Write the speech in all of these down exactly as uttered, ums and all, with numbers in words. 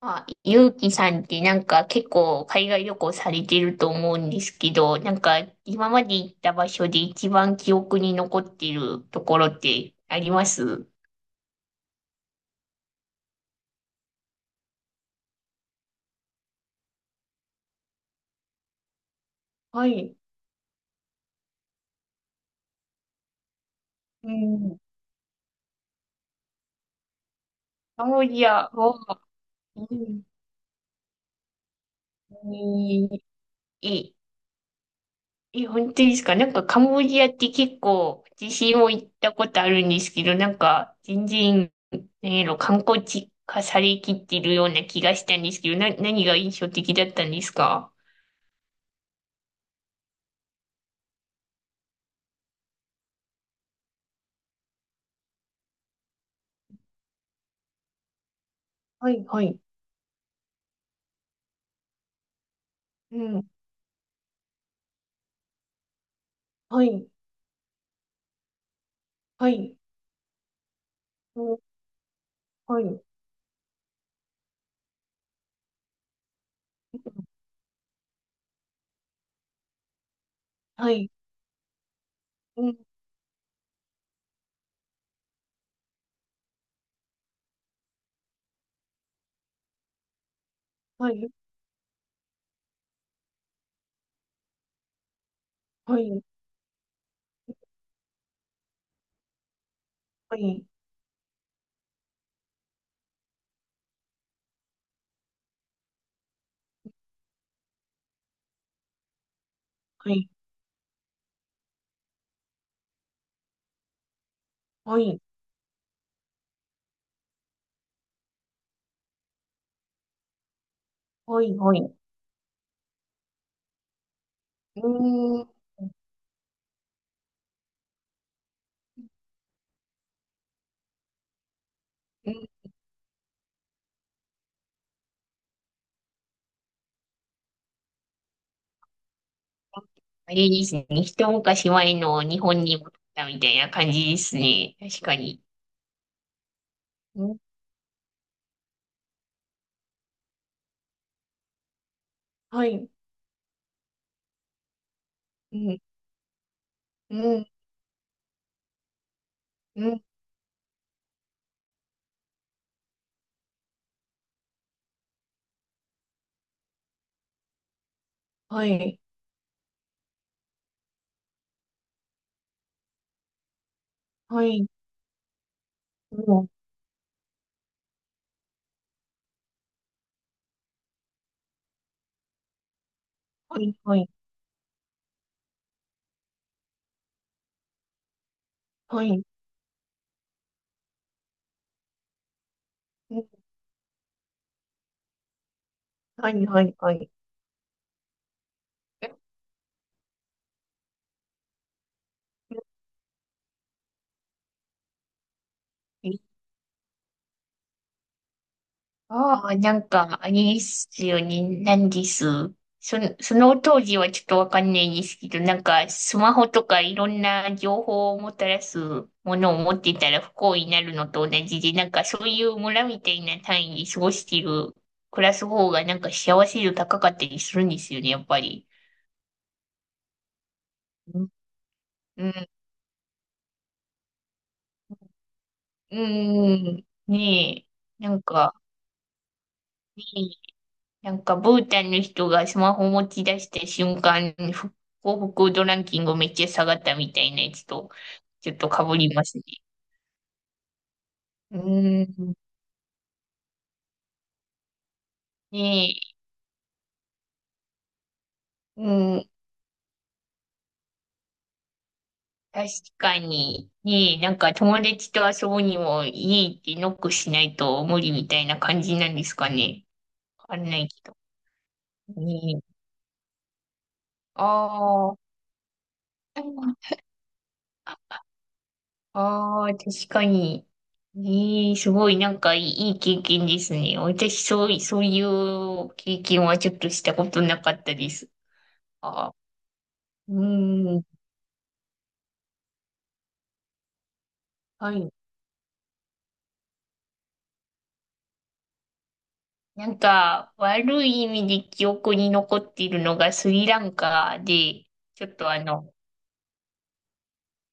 まあ、ゆうきさんってなんか結構海外旅行されてると思うんですけど、なんか今まで行った場所で一番記憶に残っているところってあります？はい。うん。カンボジアは、うん。え、え、本当ですか？なんかカンボジアって結構私も行ったことあるんですけど、なんか全然、何やろ、観光地化されきってるような気がしたんですけど、な、何が印象的だったんですか？はい、はい。うん。はい、はい。うん。はい、はい。うん。はい、はい、はい、はい、はい、はい、はい。うーん、うん。あれですね、一昔前の日本に戻ったみたいな感じですね、確かに。うん、はい、うん、うん、うん、はい、はい、うん、はい、はい、はい、うん、はい、はい、はい。ああ、なんか、あれですよね。なんです。その、その当時はちょっとわかんないですけど、なんか、スマホとかいろんな情報をもたらすものを持ってたら不幸になるのと同じで、なんかそういう村みたいな単位で過ごしている、暮らす方がなんか幸せ度高かったりするんですよね、やっぱり。うん、うん、うん、ねえ、なんか、ねえ。なんか、ブータンの人がスマホ持ち出した瞬間、ふ幸福度ランキングめっちゃ下がったみたいなやつと、ちょっと被りますね。うーん。ねえ、うん。確かに、ねえ、なんか友達と遊ぶにも家行ってノックしないと無理みたいな感じなんですかね。わかんないけど。ねえ。ああ。ああ、確かに。ええ、すごい、なんかいい、いい経験ですね。私、そうい、そういう経験はちょっとしたことなかったです。あー、うん、はい。なんか、悪い意味で記憶に残っているのがスリランカで、ちょっとあの、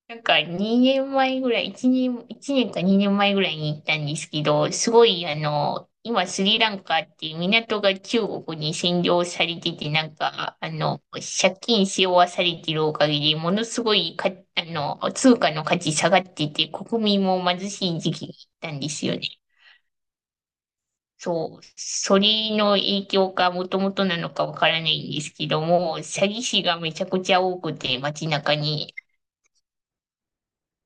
なんかにねんまえぐらい、いちねん、一年かにねんまえぐらいに行ったんですけど、すごいあの、今スリランカっていう港が中国に占領されてて、なんか、あの、借金し負わされてるおかげで、ものすごいか、あの、通貨の価値下がってて、国民も貧しい時期に行ったんですよね。そう、それの影響かもともとなのかわからないんですけども、詐欺師がめちゃくちゃ多くて、街中に。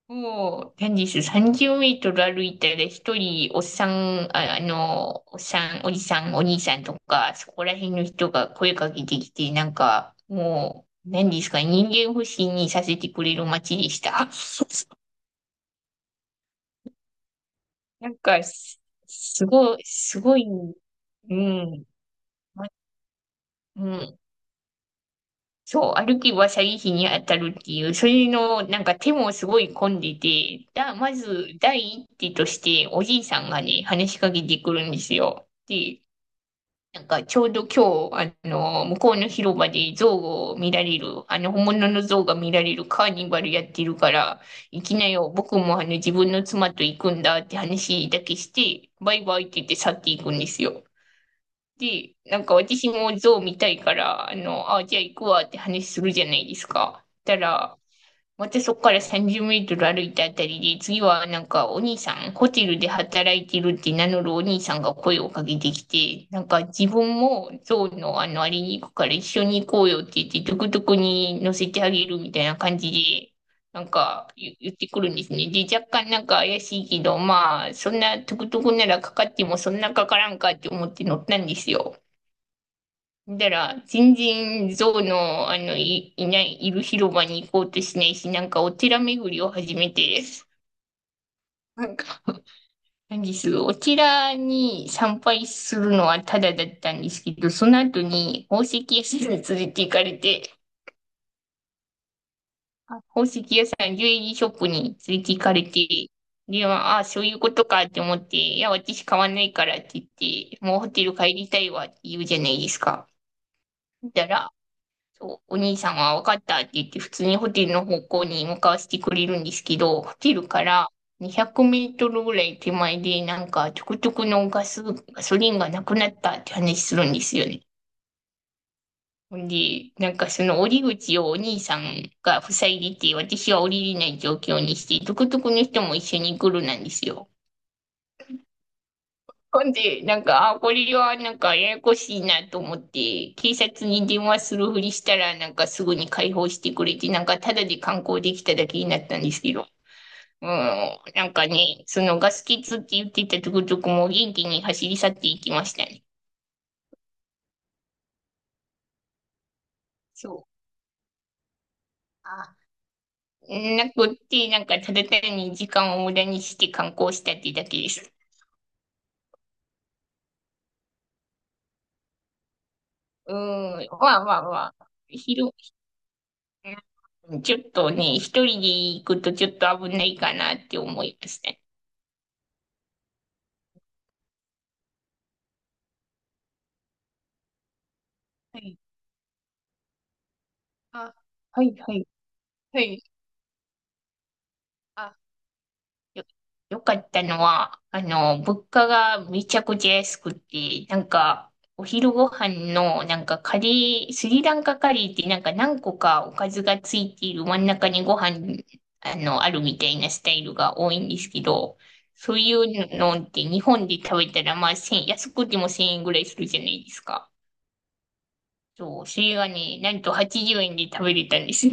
もう、何です、さんじゅうメートル歩いたら一人、おっさん、あ、あの、おっさん、おじさん、お兄さんとか、そこら辺の人が声かけてきて、なんか、もう、何ですか、人間不信にさせてくれる街でした。なんか、す、すごい、すごい、うん、ま、うん、そう、歩けば詐欺師に当たるっていう、それの、なんか手もすごい混んでて、だ、まず、第一手として、おじいさんがね、話しかけてくるんですよ。で、なんかちょうど今日、あの、向こうの広場で象を見られる、あの、本物の象が見られるカーニバルやってるから、行きなよ、僕もあの、自分の妻と行くんだって話だけして、バイバイって言って去っていくんですよ。で、なんか私も象見たいから、あの、あ、じゃあ行くわって話するじゃないですか。たら、私そこからさんじゅうメートル歩いたあたりで、次はなんかお兄さん、ホテルで働いてるって名乗るお兄さんが声をかけてきて、なんか自分もゾウのあのあれに行くから一緒に行こうよって言って、トゥクトゥクに乗せてあげるみたいな感じで、なんか言言ってくるんですね。で、若干なんか怪しいけど、まあ、そんなトゥクトゥクならかかってもそんなかからんかって思って乗ったんですよ。だから、全然象の、あの、い、いない、いる広場に行こうとしないし、なんかお寺巡りを始めて、なんか、何です、お寺に参拝するのはタダだったんですけど、その後に宝石屋さんに連れて行かれて、あ宝石屋さん、ジュエリーショップに連れて行かれて、で、まああ、そういうことかって思って、いや、私買わないからって言って、もうホテル帰りたいわって言うじゃないですか。だから、そう、お兄さんは分かったって言って、普通にホテルの方向に向かわせてくれるんですけど、ホテルからにひゃくメートルぐらい手前で、なんか、トゥクトゥクのガス、ガソリンがなくなったって話するんですよね。ほんで、なんかその折り口をお兄さんが塞いでて、私は降りれない状況にして、トゥクトゥクの人も一緒に来るなんですよ。ほんで、なんか、あ、これはなんかややこしいなと思って、警察に電話するふりしたら、なんかすぐに解放してくれて、なんかただで観光できただけになったんですけど、うん、なんかね、そのガス欠って言ってたとことこも元気に走り去っていきましたね。そう。あ、なくって、なんかただ単に時間を無駄にして観光したってだけです。うん、まあまあまあ、広、うん、ちょっとね、一人で行くとちょっと危ないかなって思いました。はい。あ、はい、はい。はい。あ、よ、よかったのは、あの、物価がめちゃくちゃ安くて、なんか、お昼ご飯の、なんかカレー、スリランカカレーってなんか何個かおかずがついている真ん中にご飯、あの、あるみたいなスタイルが多いんですけど、そういうのって日本で食べたら、まあ、いち ぜろ安くてもせんえんぐらいするじゃないですか。そう、それがね、なんとはちじゅうえんで食べれたんです。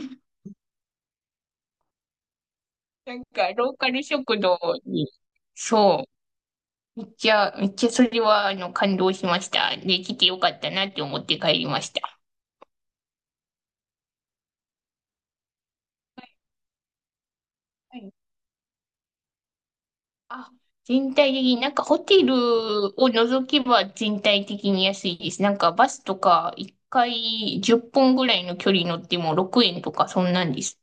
なんか、ローカル食堂に、そう、めっちゃ、めっちゃそれは、あの、感動しました。で来てよかったなって思って帰りました。はい。あ、全体的に、なんかホテルを除けば全体的に安いです。なんかバスとか、一回じゅっぷんぐらいの距離乗ってもろくえんとか、そんなんです。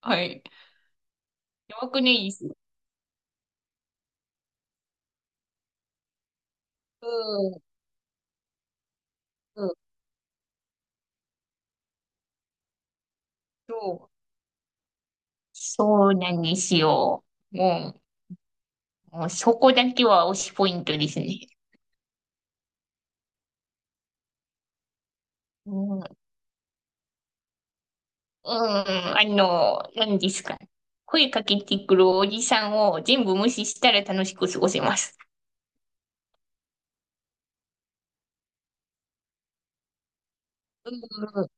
はい。やばくないです。うん、うん、そう。そうなんですよ。もう、もうそこだけは推しポイントですね。うん、うん、あの、何ですか。声かけてくるおじさんを全部無視したら楽しく過ごせます。うん、うん、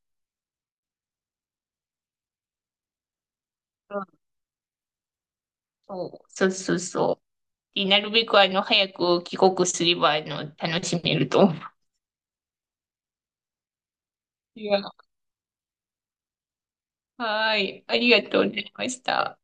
そうそうそうそう。で、なるべくあの、早く帰国すれば、あの、楽しめると思う。いや、はい。ありがとうございました。